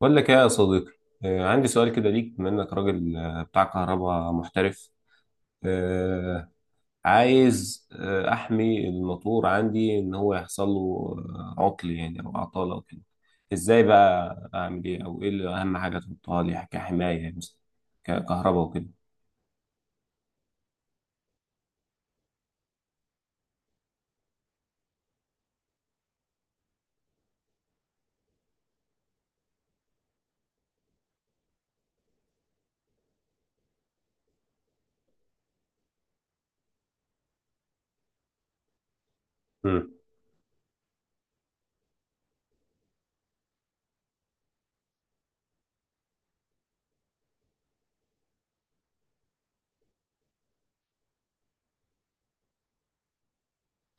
بقول لك ايه يا صديقي. عندي سؤال كده ليك بما انك راجل، بتاع كهرباء محترف. آه، عايز احمي الموتور عندي ان هو يحصل له عطل يعني او عطالة او كده. ازاي بقى اعمل ايه او ايه اللي اهم حاجة تحطها لي كحماية، يعني مثلا ككهرباء وكده. امم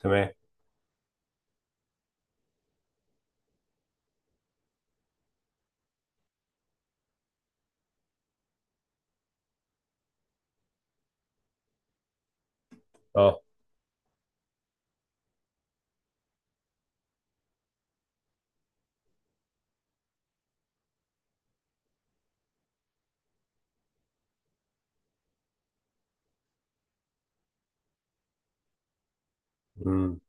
تمام. اه. امم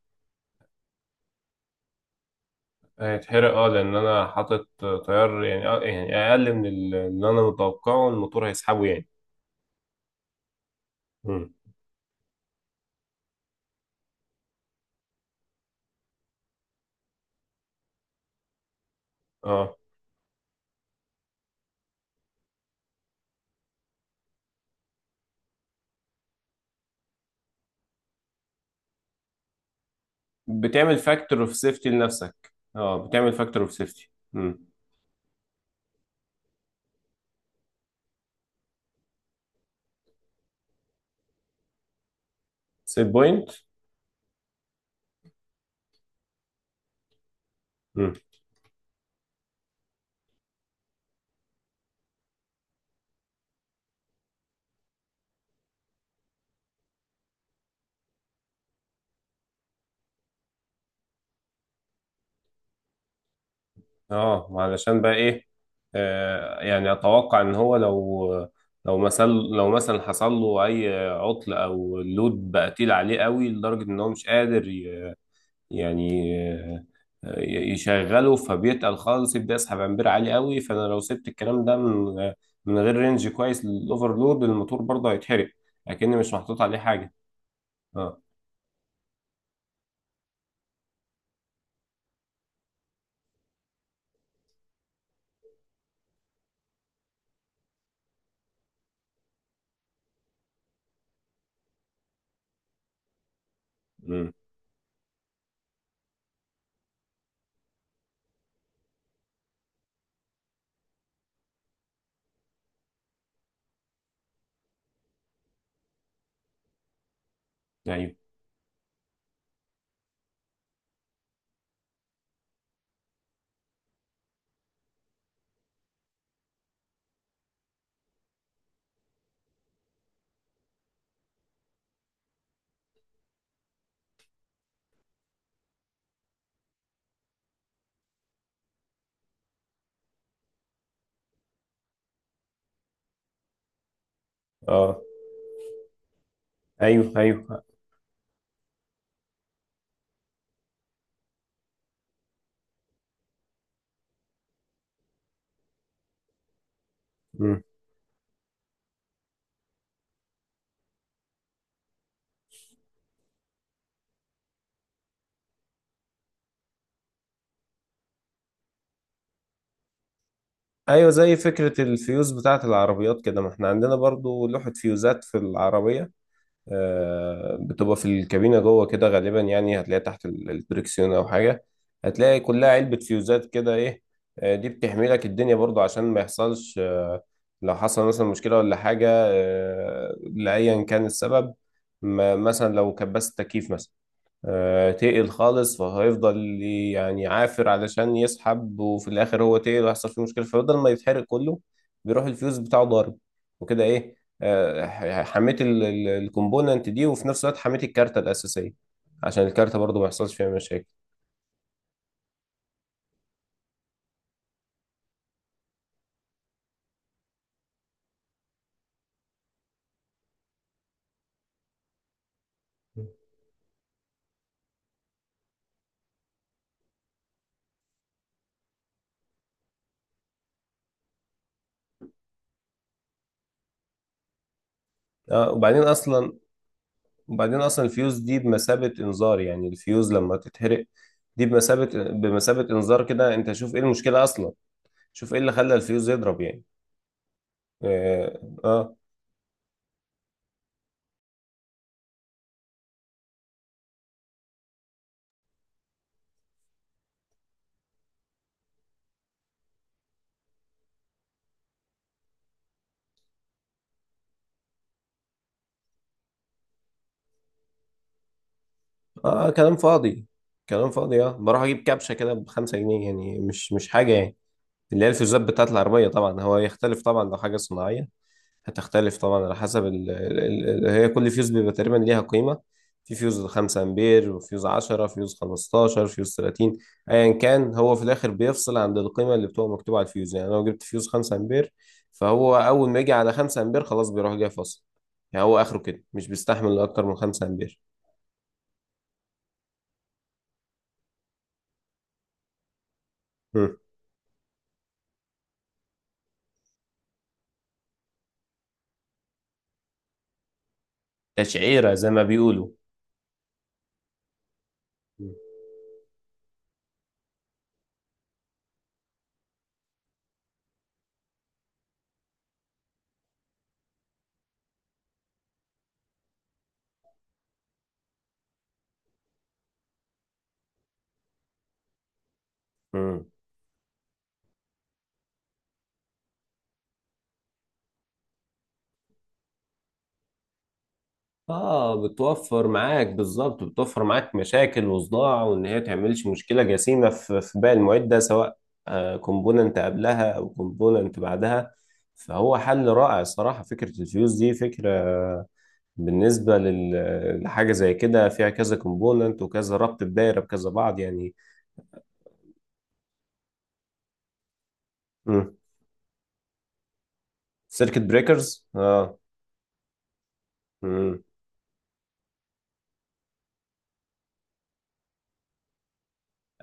هيتحرق، اه، لان انا حاطط تيار، يعني آه يعني اقل من اللي انا متوقعه الموتور هيسحبه يعني. امم اه، بتعمل فاكتور اوف سيفتي لنفسك، اه بتعمل فاكتور اوف سيفتي. سيت بوينت، اه. علشان بقى ايه؟ آه يعني اتوقع ان هو لو، لو مثلا حصل له اي عطل او اللود بقى تقيل عليه قوي لدرجه ان هو مش قادر يعني يشغله، فبيتقل خالص، يبدا يسحب امبير عالي قوي. فانا لو سبت الكلام ده من غير رينج كويس للاوفرلود، الموتور برضه هيتحرق، اكني مش محطوط عليه حاجه. اه. ايوه. اه، ايوه ايوه. مم. ايوه، زي فكره الفيوز بتاعه العربيات كده. ما احنا عندنا برضو لوحه فيوزات في العربيه، آه بتبقى في الكابينه جوه كده غالبا، يعني هتلاقيها تحت الدركسيون او حاجه. هتلاقي كلها علبه فيوزات كده ايه. آه، دي بتحمي لك الدنيا برضو عشان ما يحصلش آه، لو حصل مثلا مشكله ولا حاجه، آه لايا كان السبب. ما مثلا لو كبست تكييف مثلا، تقل خالص فهيفضل يعني عافر علشان يسحب، وفي الاخر هو تقل ويحصل فيه مشكله. فبدل ما يتحرق كله، بيروح الفيوز بتاعه ضارب وكده ايه. حميت الكومبوننت دي، وفي نفس الوقت حميت الكارته الاساسيه، عشان الكارته برضو ما يحصلش فيها مشاكل. اه وبعدين اصلا، الفيوز دي بمثابه انذار. يعني الفيوز لما تتحرق، دي بمثابه انذار كده. انت شوف ايه المشكله اصلا، شوف ايه اللي خلى الفيوز يضرب يعني. اه آه. اه كلام فاضي، اه. بروح اجيب كبشه كده بخمسة جنيه، يعني مش حاجه يعني. اللي هي الفيوزات بتاعت العربيه. طبعا هو يختلف، طبعا لو حاجه صناعيه هتختلف طبعا على حسب ال ال ال هي كل فيوز بيبقى تقريبا ليها قيمه. في فيوز 5 امبير، وفيوز 10، فيوز 15، فيوز 30. ايا كان، هو في الاخر بيفصل عند القيمه اللي بتبقى مكتوبه على الفيوز. يعني لو جبت فيوز 5 امبير، فهو اول ما يجي على 5 امبير خلاص بيروح جاي فاصل. يعني هو اخره كده، مش بيستحمل اكتر من 5 امبير. تشعيرة زي ما بيقولوا. مم. مم. اه، بتوفر معاك بالظبط، بتوفر معاك مشاكل وصداع، وان هي تعملش مشكلة جسيمة في باقي المعدة، سواء كومبوننت قبلها او كومبوننت بعدها. فهو حل رائع صراحة فكرة الفيوز دي، فكرة بالنسبة لحاجة زي كده فيها كذا كومبوننت وكذا ربط بدايرة بكذا بعض يعني. مم. سيركت بريكرز اه. مم.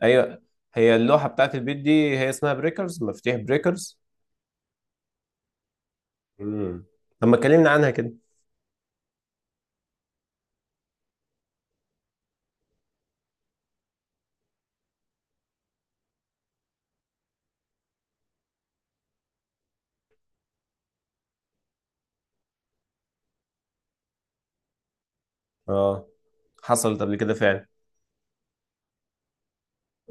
ايوه، هي اللوحة بتاعت البيت دي هي اسمها بريكرز، مفاتيح بريكرز. امم، طب ما اتكلمنا عنها كده. اه، حصلت قبل كده فعلا.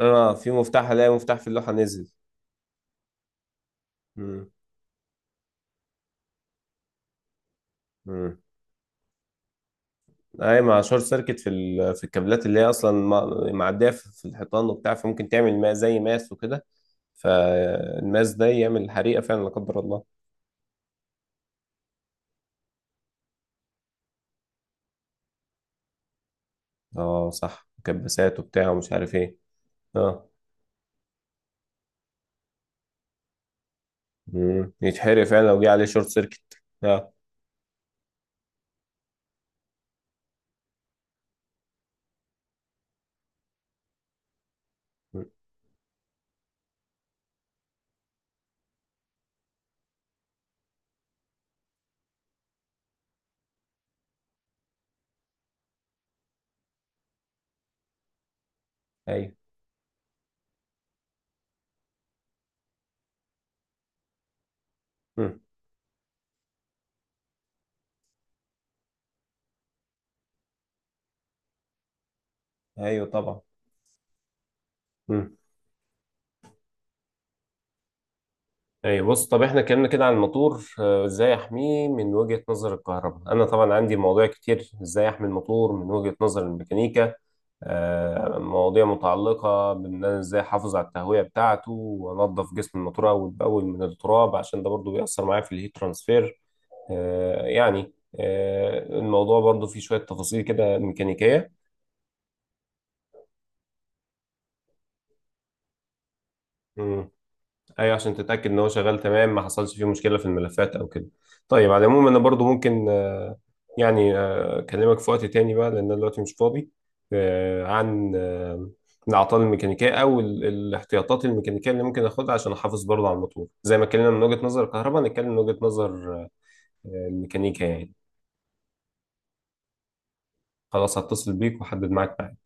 اه، في مفتاح، الاقي مفتاح في اللوحه نزل. امم. امم، اي، مع شورت سيركت في في الكابلات اللي هي اصلا معديه في الحيطان وبتاع، فممكن تعمل ما زي ماس وكده. فالماس ده يعمل حريقه فعلا لا قدر الله. اه صح، مكبسات وبتاع ومش عارف ايه. اه. يتحرق فعلا لو جه عليه شورت سيركت، اه. مم. ايوه. مم. ايوه طبعا. مم. اي بص، طب احنا اتكلمنا كده عن الموتور ازاي احميه من وجهة نظر الكهرباء. انا طبعا عندي مواضيع كتير ازاي احمي الموتور من وجهة نظر الميكانيكا، مواضيع متعلقة بان انا ازاي احافظ على التهوية بتاعته وانضف جسم الموتور اول باول من التراب، عشان ده برضو بيأثر معايا في الهيت ترانسفير. آه، يعني الموضوع برضو فيه شوية تفاصيل كده ميكانيكية. ايوه عشان تتاكد ان هو شغال تمام، ما حصلش فيه مشكله في الملفات او كده. طيب على العموم انا برضو ممكن يعني اكلمك في وقت تاني بقى، لان انا دلوقتي مش فاضي. عن الاعطال الميكانيكيه او الاحتياطات الميكانيكيه اللي ممكن اخدها عشان احافظ برضو على الموتور. زي ما اتكلمنا من وجهه نظر الكهرباء، نتكلم من وجهه نظر الميكانيكا يعني. خلاص هتصل بيك واحدد معاك.